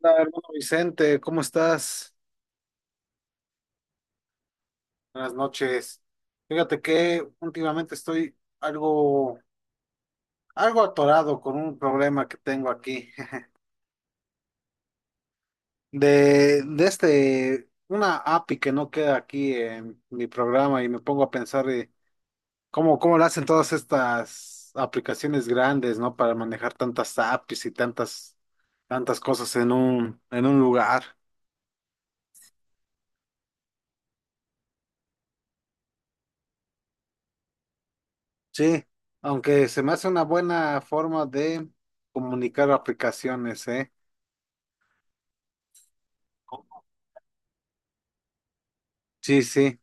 Hola, hermano Vicente, ¿cómo estás? Buenas noches. Fíjate que últimamente estoy algo atorado con un problema que tengo aquí. De este, una API que no queda aquí en mi programa y me pongo a pensar de cómo lo hacen todas estas aplicaciones grandes, ¿no? Para manejar tantas APIs y tantas cosas en un lugar. Sí, aunque se me hace una buena forma de comunicar aplicaciones, ¿eh? Sí, sí.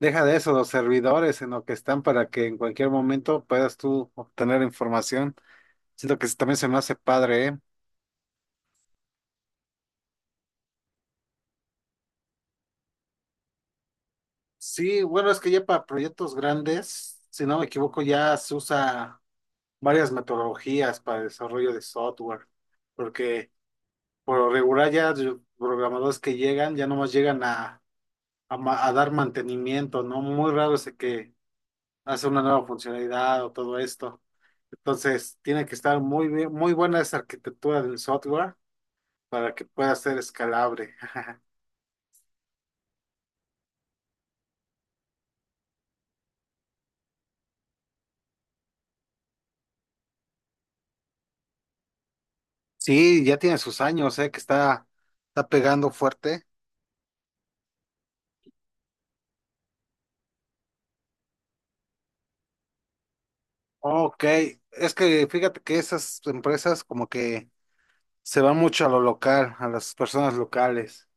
Deja de eso, los servidores en lo que están para que en cualquier momento puedas tú obtener información. Siento que también se me hace padre, ¿eh? Sí, bueno, es que ya para proyectos grandes, si no me equivoco, ya se usa varias metodologías para el desarrollo de software, porque por lo regular ya los programadores que llegan ya nomás llegan a dar mantenimiento, ¿no? Muy raro es el que hacer una nueva funcionalidad o todo esto. Entonces, tiene que estar muy bien, muy buena esa arquitectura del software para que pueda ser escalable. Sí, ya tiene sus años, que está pegando fuerte. Ok, es que fíjate que esas empresas como que se van mucho a lo local, a las personas locales.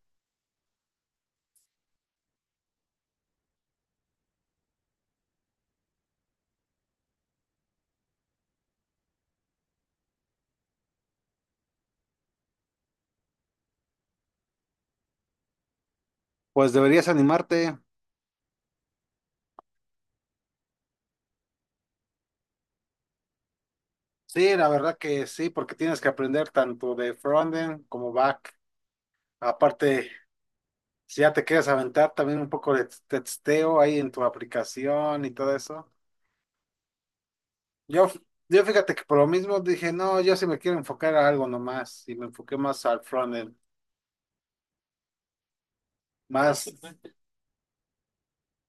Pues deberías animarte. Sí, la verdad que sí, porque tienes que aprender tanto de frontend como back. Aparte, si ya te quieres aventar también un poco de testeo ahí en tu aplicación y todo eso. Yo, yo fíjate que por lo mismo dije, no, yo sí me quiero enfocar a algo nomás y me enfoqué más al frontend, más,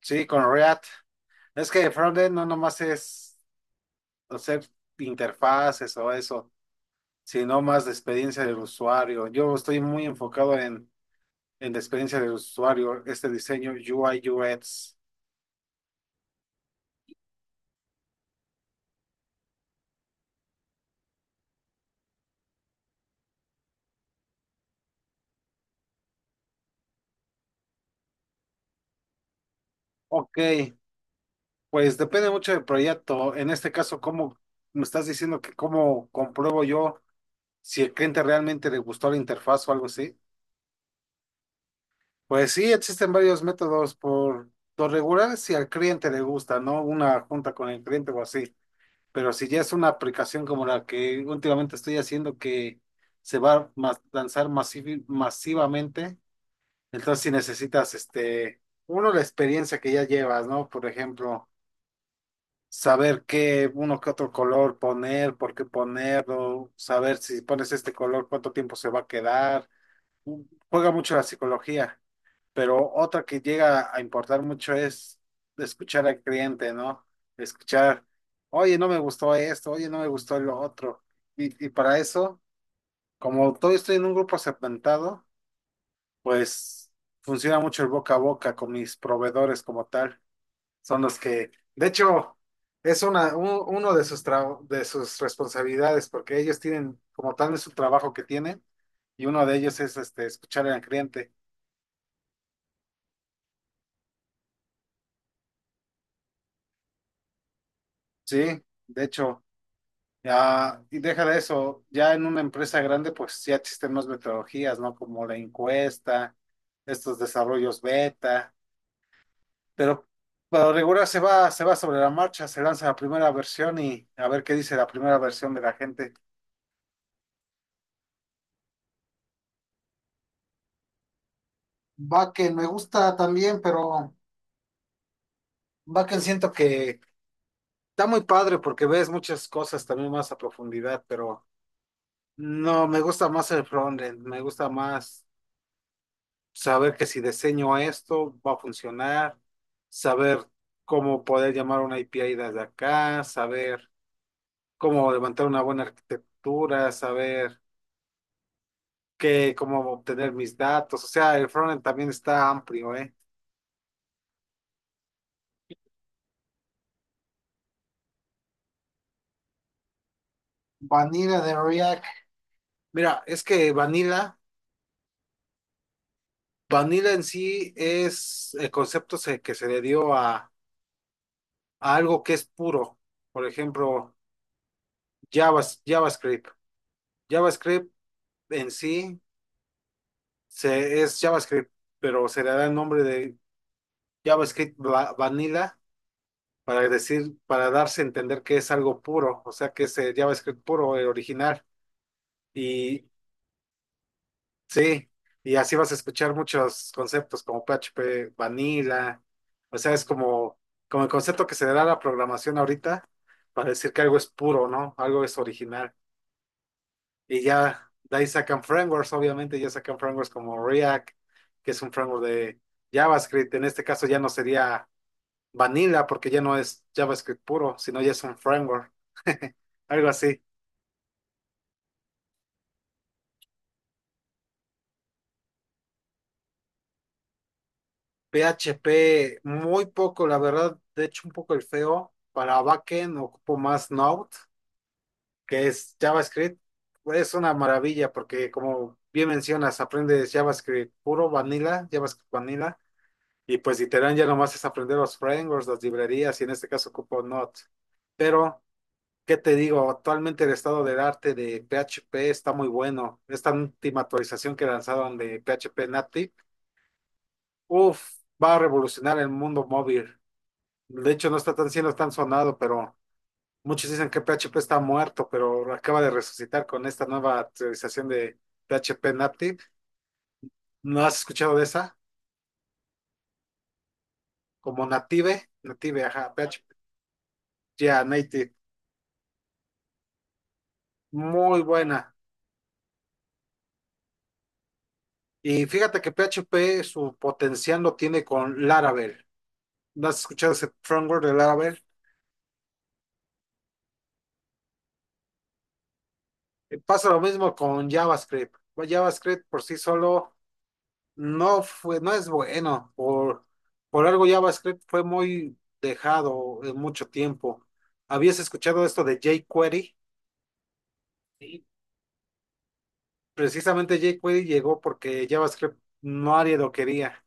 sí, con React. Es que el frontend no nomás es hacer interfaces o eso, sino más de experiencia del usuario. Yo estoy muy enfocado en la experiencia del usuario, este diseño UI UX. Ok, pues depende mucho del proyecto. En este caso, ¿cómo me estás diciendo que cómo compruebo yo si el cliente realmente le gustó la interfaz o algo así? Pues sí, existen varios métodos por lo regular si al cliente le gusta, ¿no? Una junta con el cliente o así. Pero si ya es una aplicación como la que últimamente estoy haciendo que se va a lanzar masivamente, entonces si necesitas, este, uno, la experiencia que ya llevas, ¿no? Por ejemplo, saber qué uno que otro color poner, por qué ponerlo, saber si pones este color, cuánto tiempo se va a quedar. Juega mucho la psicología, pero otra que llega a importar mucho es escuchar al cliente, ¿no? Escuchar, oye, no me gustó esto, oye, no me gustó lo otro. Y para eso, como todo estoy en un grupo segmentado, pues funciona mucho el boca a boca con mis proveedores como tal son los que, de hecho, es uno de sus, de sus responsabilidades, porque ellos tienen, como tal, es su trabajo que tienen, y uno de ellos es este, escuchar al cliente. Sí, de hecho, ya, y deja de eso, ya en una empresa grande, pues ya existen más metodologías, ¿no? Como la encuesta, estos desarrollos beta, pero para regular se va sobre la marcha, se lanza la primera versión y a ver qué dice la primera versión de la gente. Va que me gusta también, pero Bakken siento que está muy padre porque ves muchas cosas también más a profundidad, pero no, me gusta más el frontend, me gusta más saber que si diseño esto va a funcionar, saber cómo poder llamar una API desde acá, saber cómo levantar una buena arquitectura, saber qué, cómo obtener mis datos, o sea, el frontend también está amplio, ¿eh? Vanilla de React. Mira, es que Vanilla en sí es el concepto que se le dio a, algo que es puro. Por ejemplo, JavaScript. JavaScript en sí es JavaScript, pero se le da el nombre de JavaScript Vanilla para decir, para darse a entender que es algo puro, o sea que es el JavaScript puro, el original. Sí, y así vas a escuchar muchos conceptos como PHP, Vanilla, o sea, es como el concepto que se le da a la programación ahorita para decir que algo es puro, ¿no? Algo es original. Y ya de ahí sacan frameworks, obviamente, ya sacan frameworks como React, que es un framework de JavaScript. En este caso ya no sería Vanilla porque ya no es JavaScript puro, sino ya es un framework, algo así. PHP muy poco, la verdad, de hecho un poco el feo. Para backend ocupo más Node, que es JavaScript. Es una maravilla porque como bien mencionas, aprendes JavaScript puro, vanilla, JavaScript vanilla. Y pues literal ya nomás es aprender los frameworks, las librerías, y en este caso ocupo Node. Pero, ¿qué te digo? Actualmente el estado del arte de PHP está muy bueno. Esta última actualización que lanzaron de PHP Native, uff, va a revolucionar el mundo móvil. De hecho, no está tan cielo, tan sonado, pero muchos dicen que PHP está muerto, pero acaba de resucitar con esta nueva actualización de PHP Native. ¿No has escuchado de esa? Como Native, Native, ajá, PHP, ya, Native. Muy buena. Y fíjate que PHP su potencial lo tiene con Laravel. ¿No has escuchado ese framework de Laravel? Pasa lo mismo con JavaScript. Pues JavaScript por sí solo no fue, no es bueno. Por algo JavaScript fue muy dejado en mucho tiempo. ¿Habías escuchado esto de jQuery? Sí. Precisamente jQuery llegó porque JavaScript no nadie lo quería.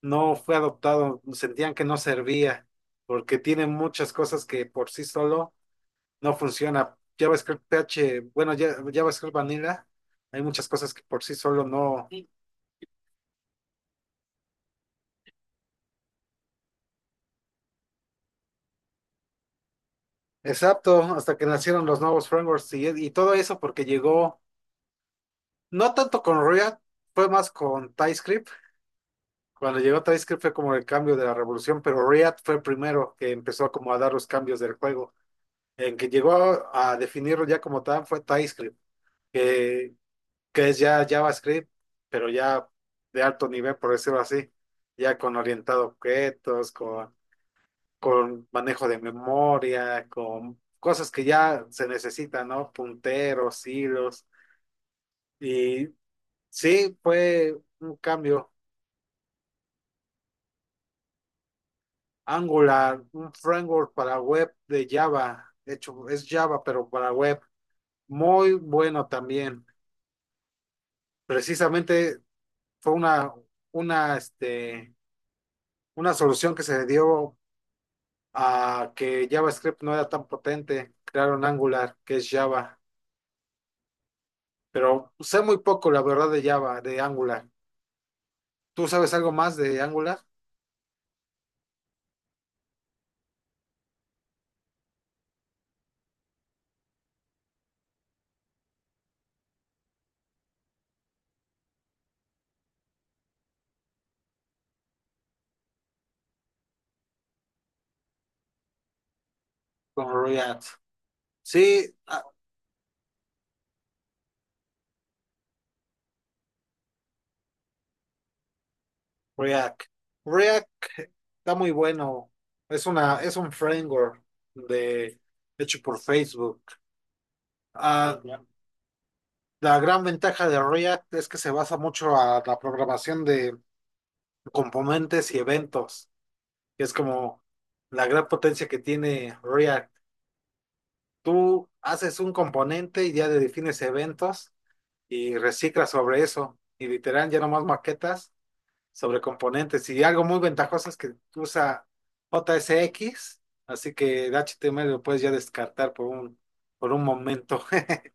No fue adoptado, sentían que no servía, porque tiene muchas cosas que por sí solo no funciona. JavaScript PH, bueno, JavaScript Vanilla, hay muchas cosas que por sí solo no. Sí. Exacto, hasta que nacieron los nuevos frameworks y todo eso porque llegó. No tanto con React, fue más con TypeScript. Cuando llegó TypeScript fue como el cambio de la revolución, pero React fue el primero que empezó como a dar los cambios del juego. En que llegó definirlo ya como tal fue TypeScript, que, que es ya JavaScript, pero ya de alto nivel, por decirlo así, ya con orientado a objetos, con manejo de memoria, con cosas que ya se necesitan, ¿no? Punteros, hilos. Y sí, fue un cambio. Angular, un framework para web de Java. De hecho, es Java, pero para web. Muy bueno también. Precisamente fue una, este, una solución que se dio a que JavaScript no era tan potente. Crearon Angular, que es Java. Pero sé muy poco, la verdad, de Java, de Angular. ¿Tú sabes algo más de Angular? Con React. Sí, React. React está muy bueno. Es es un framework de, hecho por Facebook. Ah, ya. La gran ventaja de React es que se basa mucho a la programación de componentes y eventos, que es como la gran potencia que tiene React. Tú haces un componente y ya le defines eventos y reciclas sobre eso. Y literal, ya nomás maquetas sobre componentes y algo muy ventajoso es que usa JSX así que el HTML lo puedes ya descartar por un momento.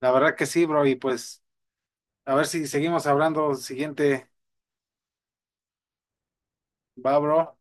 La verdad que sí, bro, y pues a ver si seguimos hablando siguiente, va, bro.